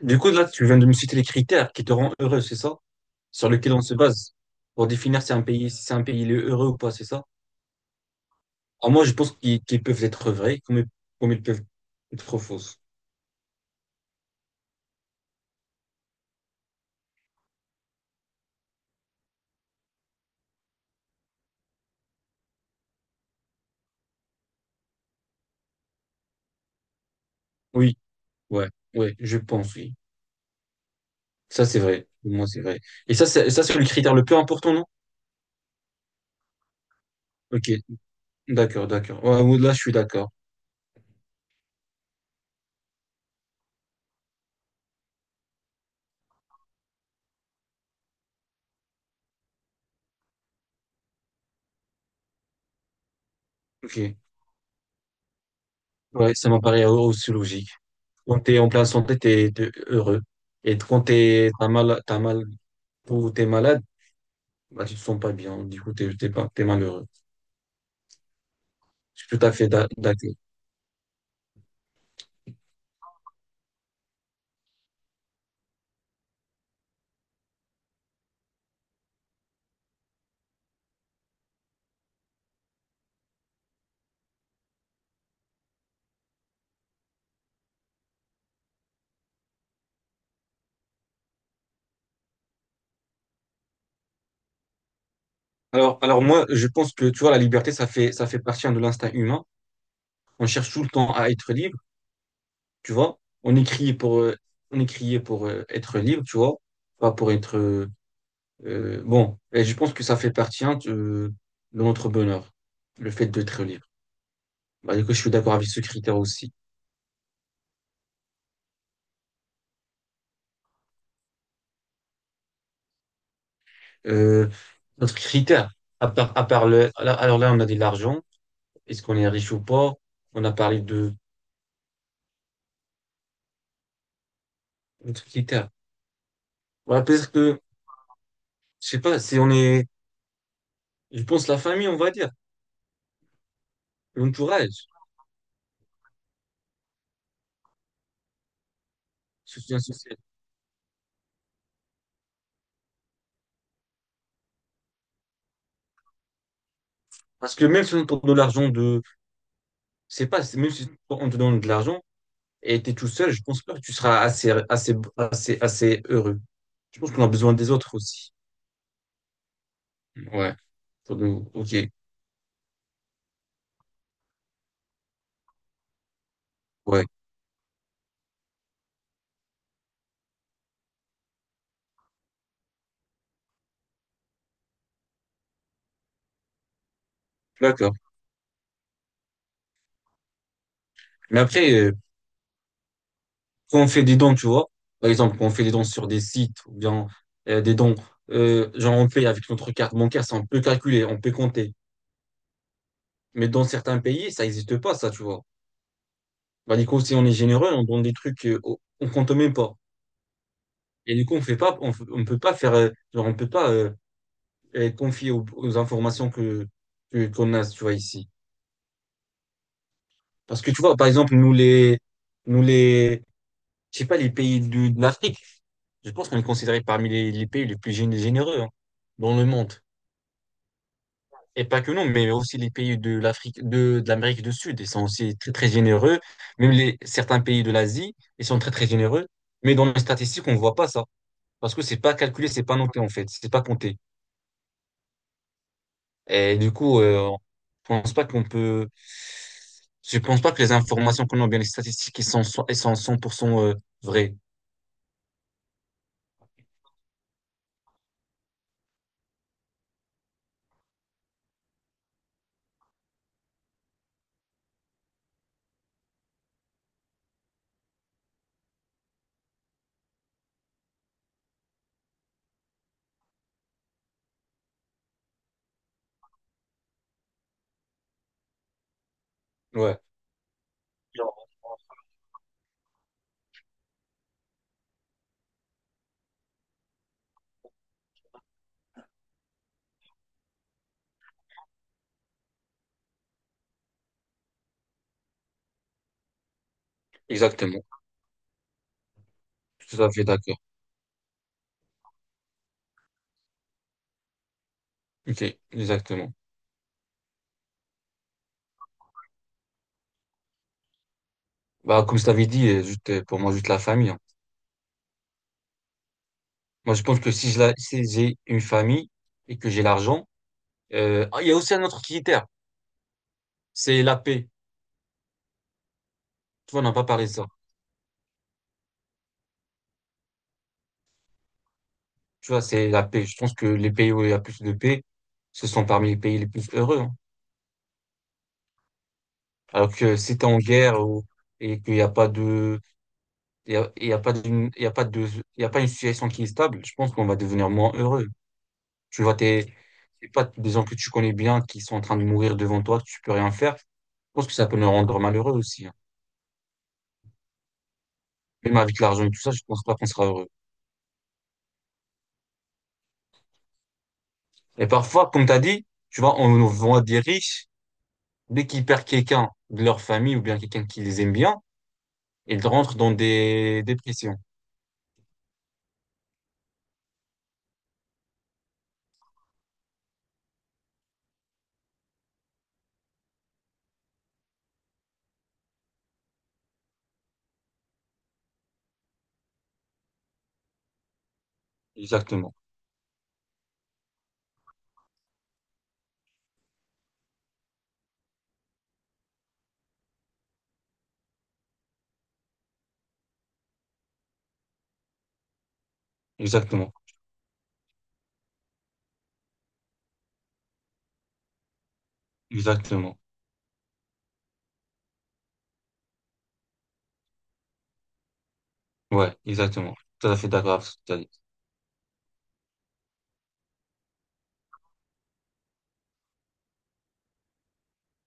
Du coup, là, tu viens de me citer les critères qui te rendent heureux, c'est ça? Sur lequel on se base pour définir si un pays, si un pays il est heureux ou pas, c'est ça? Alors moi, je pense qu'ils peuvent être vrais comme, comme ils peuvent être fausses. Oui, ouais, ouais, je pense, oui. Ça, c'est vrai. Pour moi, c'est vrai. Et ça, c'est le critère le plus important, non? Ok, d'accord, d'accord. Ouais, ouais, là, je suis d'accord. Ok. Ouais, ça m'apparaît aussi logique. Quand t'es en pleine santé, t'es, t'es heureux. Et quand t'es, t'as mal, ou t'es malade, bah, tu te sens pas bien, du coup, t'es, t'es pas, t'es malheureux. Je suis tout à fait d'accord. Alors moi, je pense que, tu vois, la liberté, ça fait partie hein, de l'instinct humain. On cherche tout le temps à être libre, tu vois. On est crié pour, on est crié pour être libre, tu vois, pas pour être, bon. Et je pense que ça fait partie hein, de notre bonheur, le fait d'être libre. Bah, du coup, je suis d'accord avec ce critère aussi. Euh, notre critère, à part le, alors là, on a dit l'argent. Est-ce qu'on est riche ou pas? On a parlé de un truc qui terre. Ouais, parce que, je sais pas, si on est, je pense la famille, on va dire, l'entourage, soutien social. Parce que même si on te donne de l'argent de, je sais pas, même si on te donne de l'argent et t'es tout seul, je pense pas que tu seras assez heureux. Je pense qu'on a besoin des autres aussi. Ouais. Pour nous. Ok. Ouais. D'accord. Mais après, quand on fait des dons, tu vois, par exemple, quand on fait des dons sur des sites ou bien des dons, genre on paye avec notre carte bancaire, ça on peut calculer, on peut compter. Mais dans certains pays, ça n'existe pas, ça, tu vois. Bah, du coup, si on est généreux, on donne des trucs on compte même pas. Et du coup, on fait pas, on peut pas faire, genre, on peut pas être confié aux, aux informations qu'on a, tu vois, ici. Parce que tu vois, par exemple, nous les, je sais pas, les pays de l'Afrique, je pense qu'on est considéré parmi les pays les plus généreux hein, dans le monde. Et pas que nous, mais aussi les pays de l'Afrique, de l'Amérique du Sud, ils sont aussi très, très généreux. Même les, certains pays de l'Asie, ils sont très, très généreux. Mais dans les statistiques, on voit pas ça. Parce que c'est pas calculé, c'est pas noté, en fait. C'est pas compté. Et du coup, je pense pas qu'on peut, je pense pas que les informations qu'on a, ou bien les statistiques, ils sont, elles sont 100% vraies. Ouais, exactement. Je suis tout à fait d'accord. Ok, exactement. Bah, comme je t'avais dit, juste, pour moi, juste la famille, hein. Moi, je pense que si si j'ai une famille et que j'ai l'argent, il y a aussi un autre critère, c'est la paix. Tu vois, on n'a pas parlé de ça. Tu vois, c'est la paix. Je pense que les pays où il y a plus de paix, ce sont parmi les pays les plus heureux, hein. Alors que si t'es en guerre ou- et qu'il n'y a pas de, il y a pas d'une, il y a pas de, il y a pas une situation qui est stable, je pense qu'on va devenir moins heureux. Tu vois, t'es, c'est pas des gens que tu connais bien qui sont en train de mourir devant toi, tu peux rien faire. Je pense que ça peut nous rendre malheureux aussi, hein. Même avec l'argent et tout ça, je pense pas qu'on sera heureux. Et parfois, comme tu as dit, tu vois, on voit des riches, dès qu'ils perdent quelqu'un de leur famille ou bien quelqu'un qui les aime bien, ils rentrent dans des dépressions. Exactement. Exactement. Exactement. Ouais, exactement. Tout à fait d'accord avec ce que tu as dit.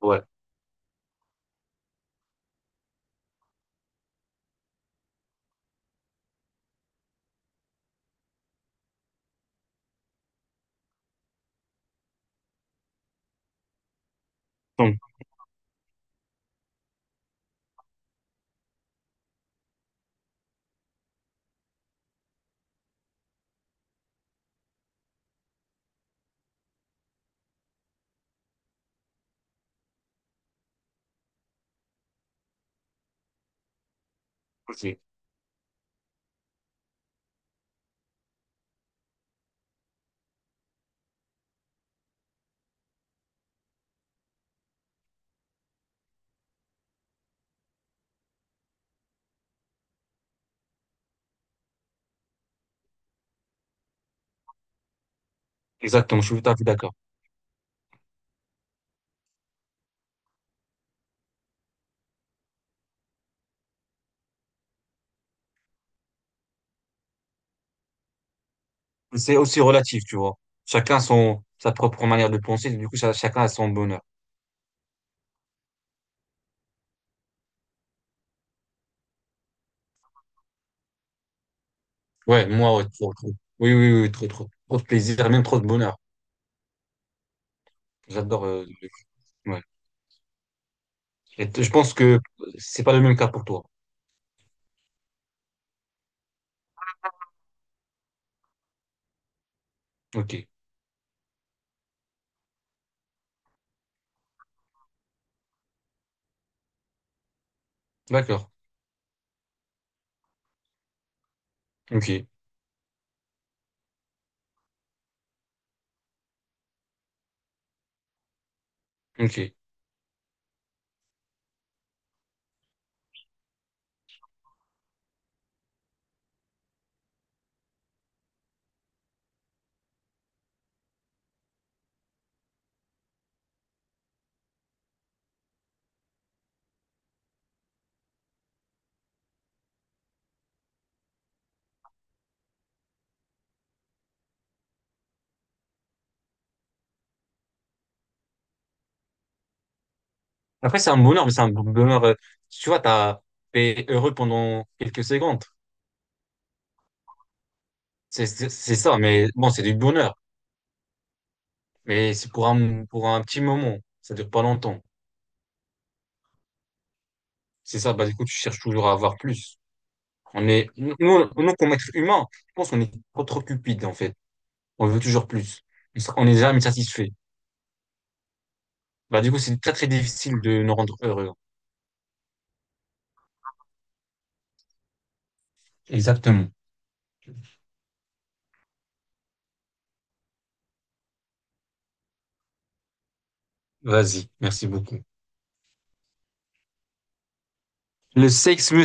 Ouais. Donc, ok. Exactement, je suis tout à fait d'accord. C'est aussi relatif, tu vois. Chacun son, sa propre manière de penser, du coup, ça- chacun a son bonheur. Ouais, moi, ouais, trop, trop. Oui, oui, oui, trop, trop. Trop de plaisir, même trop de bonheur. J'adore. Ouais. Et je pense que c'est pas le même cas pour toi. Ok, d'accord. Ok, ok. Après, c'est un bonheur, mais c'est un bonheur. Tu vois, t'as été heureux pendant quelques secondes. C'est ça, mais bon, c'est du bonheur. Mais c'est pour un petit moment. Ça dure pas longtemps. C'est ça. Bah du coup, tu cherches toujours à avoir plus. On est nous comme être humain, je pense qu'on est trop trop cupide en fait. On veut toujours plus. On est jamais satisfait. Bah du coup, c'est très très difficile de nous rendre heureux. Exactement. Vas-y, merci beaucoup. Le sexe